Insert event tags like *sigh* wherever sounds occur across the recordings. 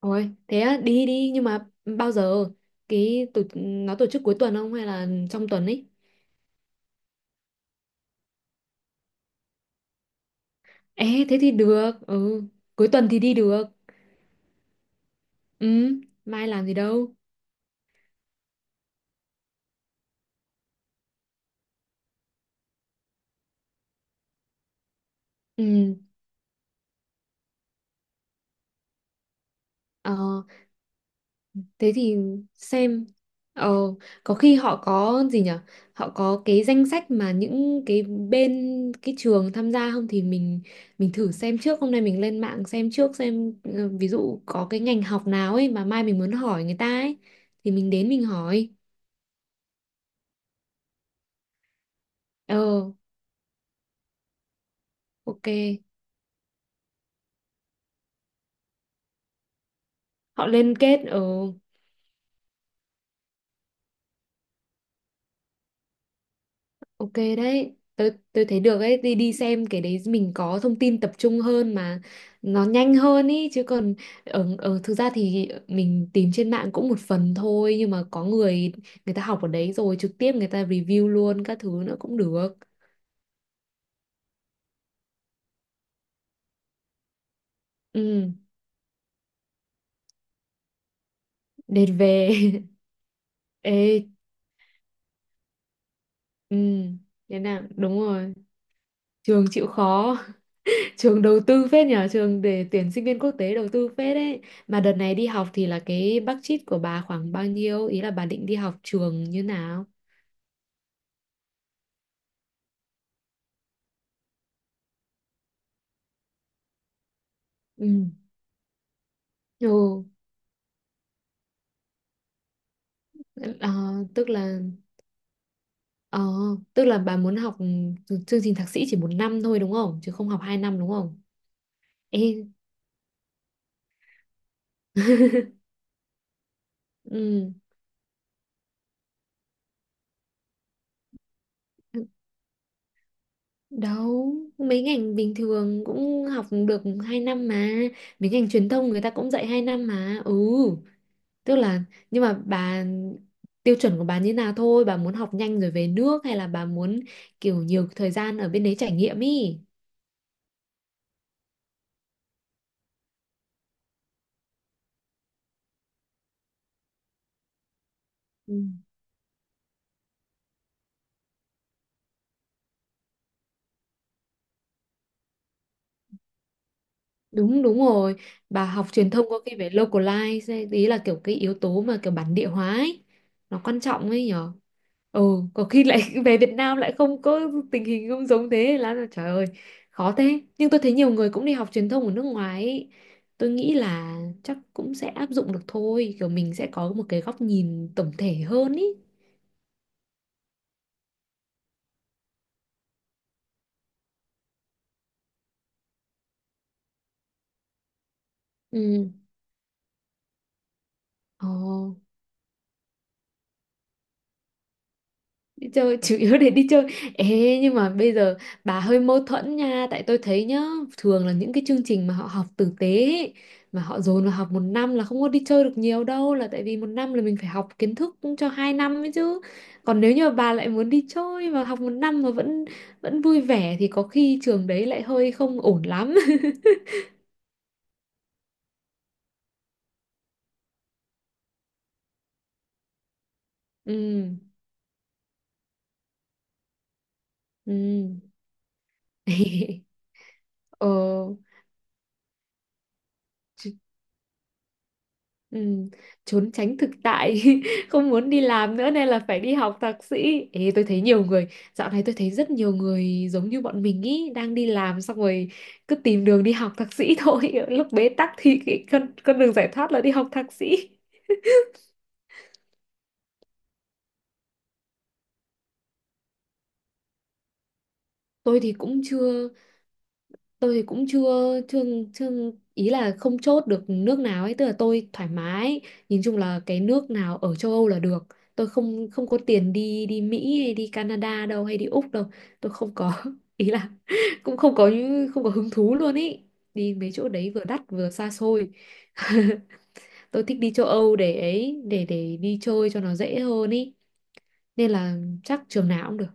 Ôi, thế á, đi đi nhưng mà bao giờ nó tổ chức cuối tuần không hay là trong tuần ấy? Ê thế thì được, ừ, cuối tuần thì đi được. Ừ, mai làm gì đâu. Ừ, ờ, thế thì xem, ờ có khi họ có gì nhở. Họ có cái danh sách mà những cái bên cái trường tham gia không thì mình thử xem trước, hôm nay mình lên mạng xem trước xem, ví dụ có cái ngành học nào ấy mà mai mình muốn hỏi người ta ấy thì mình đến mình hỏi. ờ ok. Họ liên kết. Ờ ok đấy, tôi thấy được ấy, đi đi xem cái đấy mình có thông tin tập trung hơn mà nó nhanh hơn ý. Chứ còn ở ở thực ra thì mình tìm trên mạng cũng một phần thôi, nhưng mà có người người ta học ở đấy rồi trực tiếp người ta review luôn các thứ nữa cũng được. Ừ, đệt, về. *laughs* Ê, ừ, thế nào đúng rồi, trường chịu khó. Trường đầu tư phết nhờ, trường để tuyển sinh viên quốc tế đầu tư phết đấy. Mà đợt này đi học thì là cái budget của bà khoảng bao nhiêu? Ý là bà định đi học trường như nào? Ừ. Ồ, ờ, tức là ờ, tức là bà muốn học chương trình thạc sĩ chỉ 1 năm thôi đúng không? Chứ không học 2 năm đúng không? Ê, *laughs* ừ. Đâu, mấy ngành bình thường cũng học được 2 năm mà. Mấy ngành truyền thông người ta cũng dạy 2 năm mà. Ừ. Tức là nhưng mà bà Tiêu chuẩn của bà như nào thôi, bà muốn học nhanh rồi về nước hay là bà muốn kiểu nhiều thời gian ở bên đấy trải nghiệm ý. Ừ. Đúng đúng rồi, bà học truyền thông có cái về localize ấy, ý là kiểu cái yếu tố mà kiểu bản địa hóa ấy, nó quan trọng ấy nhỉ. Ồ, có khi lại *laughs* về Việt Nam lại không có, tình hình không giống, thế là trời ơi khó thế. Nhưng tôi thấy nhiều người cũng đi học truyền thông ở nước ngoài ấy. Tôi nghĩ là chắc cũng sẽ áp dụng được thôi, kiểu mình sẽ có một cái góc nhìn tổng thể hơn ý. Ừ. Ồ. Đi chơi, chủ yếu để đi chơi. Ê, nhưng mà bây giờ bà hơi mâu thuẫn nha, tại tôi thấy nhá, thường là những cái chương trình mà họ học tử tế ấy, mà họ dồn vào học 1 năm là không có đi chơi được nhiều đâu, là tại vì 1 năm là mình phải học kiến thức cho 2 năm ấy chứ. Còn nếu như mà bà lại muốn đi chơi và học 1 năm mà vẫn vẫn vui vẻ thì có khi trường đấy lại hơi không ổn lắm. *laughs* Ừ, ừ. *laughs* Ờ. Ừ, trốn tránh thực tại *laughs* không muốn đi làm nữa nên là phải đi học thạc sĩ. Ê, tôi thấy nhiều người dạo này, tôi thấy rất nhiều người giống như bọn mình ý, đang đi làm xong rồi cứ tìm đường đi học thạc sĩ thôi. *laughs* Lúc bế tắc thì cái con đường giải thoát là đi học thạc sĩ. Tôi thì cũng chưa, tôi thì cũng chưa chưa chưa, ý là không chốt được nước nào ấy, tức là tôi thoải mái, nhìn chung là cái nước nào ở châu Âu là được. Tôi không không có tiền đi đi Mỹ hay đi Canada đâu, hay đi Úc đâu. Tôi không có *laughs* ý là *laughs* cũng không có, không có hứng thú luôn ý, đi mấy chỗ đấy vừa đắt vừa xa xôi. *laughs* Tôi thích đi châu Âu để ấy, để đi chơi cho nó dễ hơn ý. Nên là chắc trường nào cũng được.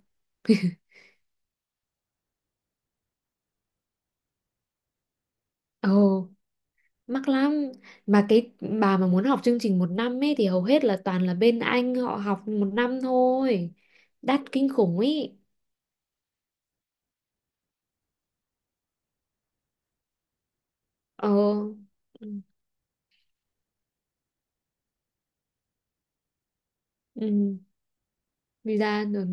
Ồ, mắc lắm. Mà cái, bà mà muốn học chương trình 1 năm ấy thì hầu hết là toàn là bên Anh họ học 1 năm thôi, đắt kinh khủng ấy. Ờ. Ừ. Ừ, visa rồi.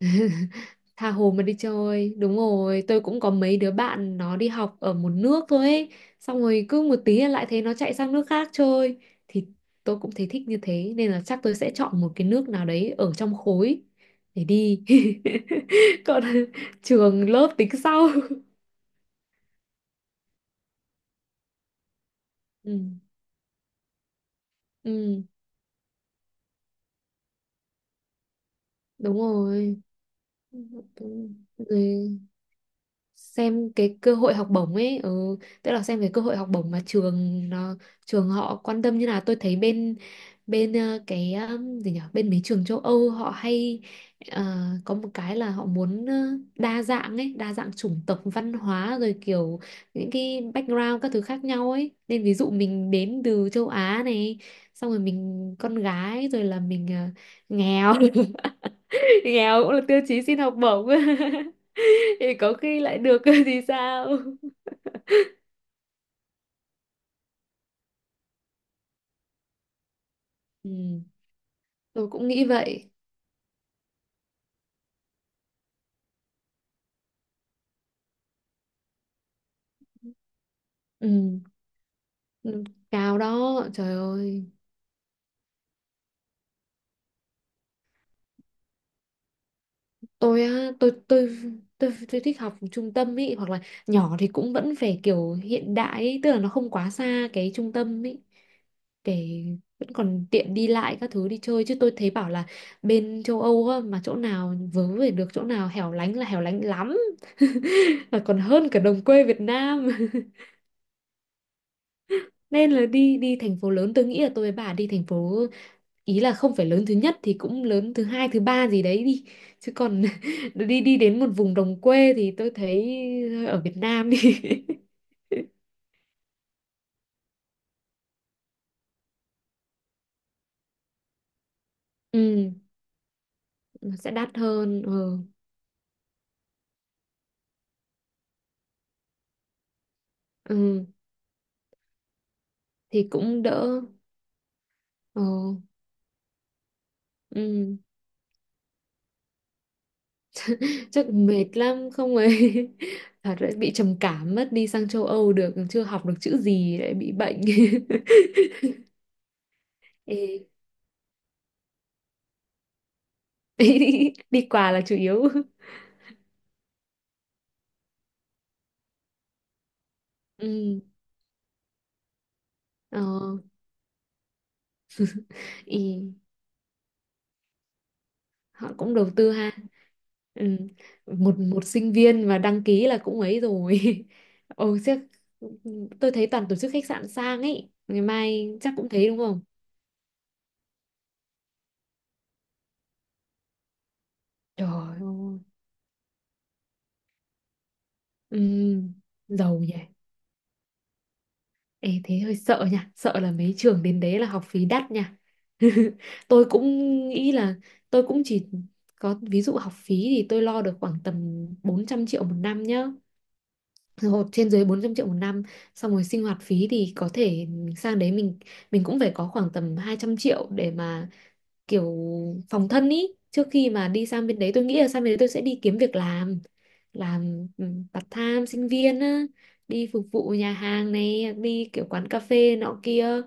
*laughs* Tha hồ mà đi chơi. Đúng rồi, tôi cũng có mấy đứa bạn nó đi học ở một nước thôi ấy, xong rồi cứ một tí là lại thấy nó chạy sang nước khác chơi. Thì tôi cũng thấy thích như thế, nên là chắc tôi sẽ chọn một cái nước nào đấy ở trong khối để đi. *laughs* Còn trường lớp tính sau. *laughs* Ừ, ừ đúng rồi. Rồi xem cái cơ hội học bổng ấy, ừ, tức là xem cái cơ hội học bổng mà trường nó, trường họ quan tâm như nào. Tôi thấy bên bên ờ, cái gì nhỉ bên mấy trường châu Âu họ hay, ờ, có một cái là họ muốn, đa dạng ấy, đa dạng chủng tộc văn hóa rồi kiểu những cái background các thứ khác nhau ấy, nên ví dụ mình đến từ châu Á này, xong rồi mình con gái rồi là mình, nghèo. *laughs* Nghèo cũng là tiêu chí xin học bổng. *laughs* Thì có khi lại được *laughs* thì sao. Ừ, tôi cũng nghĩ vậy. Ừ, ừ, cao đó, trời ơi. Tôi á, tôi thích học trung tâm ý, hoặc là nhỏ thì cũng vẫn phải kiểu hiện đại ý, tức là nó không quá xa cái trung tâm ý, để vẫn còn tiện đi lại các thứ đi chơi. Chứ tôi thấy bảo là bên châu Âu á, mà chỗ nào vớ về được chỗ nào hẻo lánh là hẻo lánh lắm, *laughs* là còn hơn cả đồng quê Việt Nam. Nên là đi đi thành phố lớn, tôi nghĩ là tôi với bà đi thành phố, ý là không phải lớn thứ nhất thì cũng lớn thứ hai thứ ba gì đấy đi. Chứ còn *laughs* đi đi đến một vùng đồng quê thì tôi thấy ở Việt Nam đi. *laughs* Ừ, nó sẽ đắt hơn. Ừ, ừ. Thì cũng đỡ. Ừ. Ừ. Chắc mệt lắm không ấy. *laughs* Thật đấy, bị trầm cảm mất, đi sang châu Âu được chưa học được chữ gì lại bị bệnh. *laughs* Ê. *laughs* Đi quà là chủ yếu. Ừ. Ờ. Ý, họ cũng đầu tư ha. Ừ. một một sinh viên mà đăng ký là cũng ấy rồi. *laughs* Ồ chắc, tôi thấy toàn tổ chức khách sạn sang ấy, ngày mai chắc cũng thế đúng không. Trời ơi. Ừ. Giàu nhỉ. Ê, thế hơi sợ nha, sợ là mấy trường đến đấy là học phí đắt nha. *laughs* Tôi cũng nghĩ là tôi cũng chỉ có, ví dụ học phí thì tôi lo được khoảng tầm 400 triệu 1 năm nhá, hộp trên dưới 400 triệu 1 năm. Xong rồi sinh hoạt phí thì có thể sang đấy mình cũng phải có khoảng tầm 200 triệu để mà kiểu phòng thân ý. Trước khi mà đi sang bên đấy, tôi nghĩ là sang bên đấy tôi sẽ đi kiếm việc làm, ừ, part time sinh viên á, đi phục vụ nhà hàng này, đi kiểu quán cà phê nọ kia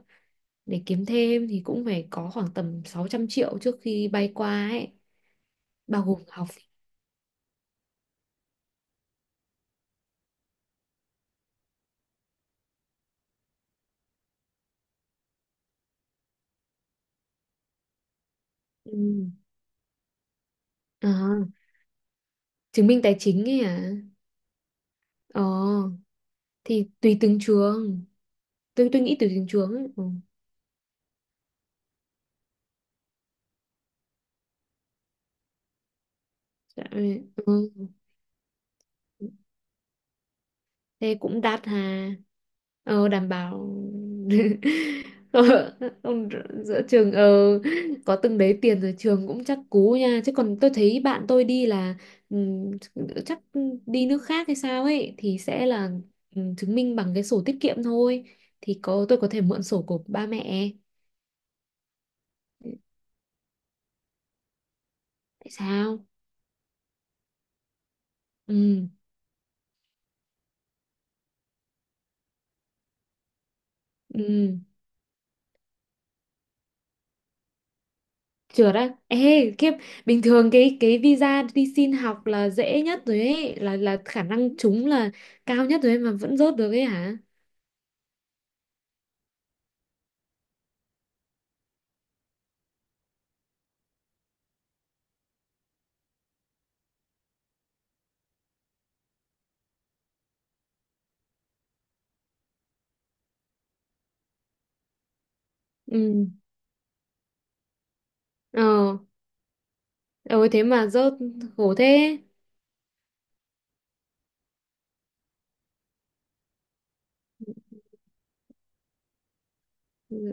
để kiếm thêm, thì cũng phải có khoảng tầm 600 triệu trước khi bay qua ấy, bao gồm học phí. Ừ. À, chứng minh tài chính ấy à. Ờ thì tùy từng trường, tôi nghĩ tùy từng trường ấy. Ừ. Dạ, ừ. Ừ. Thế cũng đắt hà. Ờ, đảm bảo. *laughs* Ờ, ông, giữa trường, ờ, có từng đấy tiền rồi trường cũng chắc cú nha. Chứ còn tôi thấy bạn tôi đi là, ừm, chắc đi nước khác hay sao ấy, thì sẽ là, chứng minh bằng cái sổ tiết kiệm thôi, thì có tôi có thể mượn sổ của ba mẹ. Tại sao? Ừ. Ừ. Trượt á. Ê, kiếp. Bình thường cái visa đi xin học là dễ nhất rồi ấy, là khả năng trúng là cao nhất rồi ấy, mà vẫn rớt được ấy hả? Ừ. Ờ, ôi thế mà rớt, khổ thế.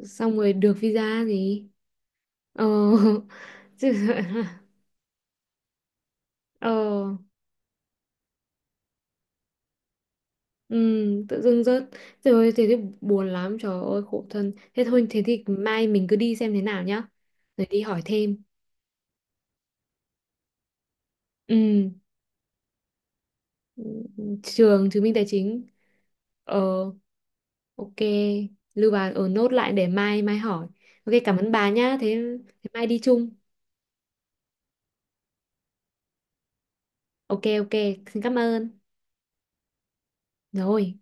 Xong rồi được visa gì? Ờ. *laughs* Chứ- Ờ. Ừ, tự dưng rớt. Rồi thế thì buồn lắm, trời ơi khổ thân. Thế thôi, thế thì mai mình cứ đi xem thế nào nhá. Rồi đi hỏi thêm. Ừ. Trường chứng minh tài chính. Ờ. Ok, lưu bà ở nốt lại để mai mai hỏi. Ok, cảm ơn bà nhá. Thế, thế mai đi chung. Ok ok, xin cảm ơn. Rồi.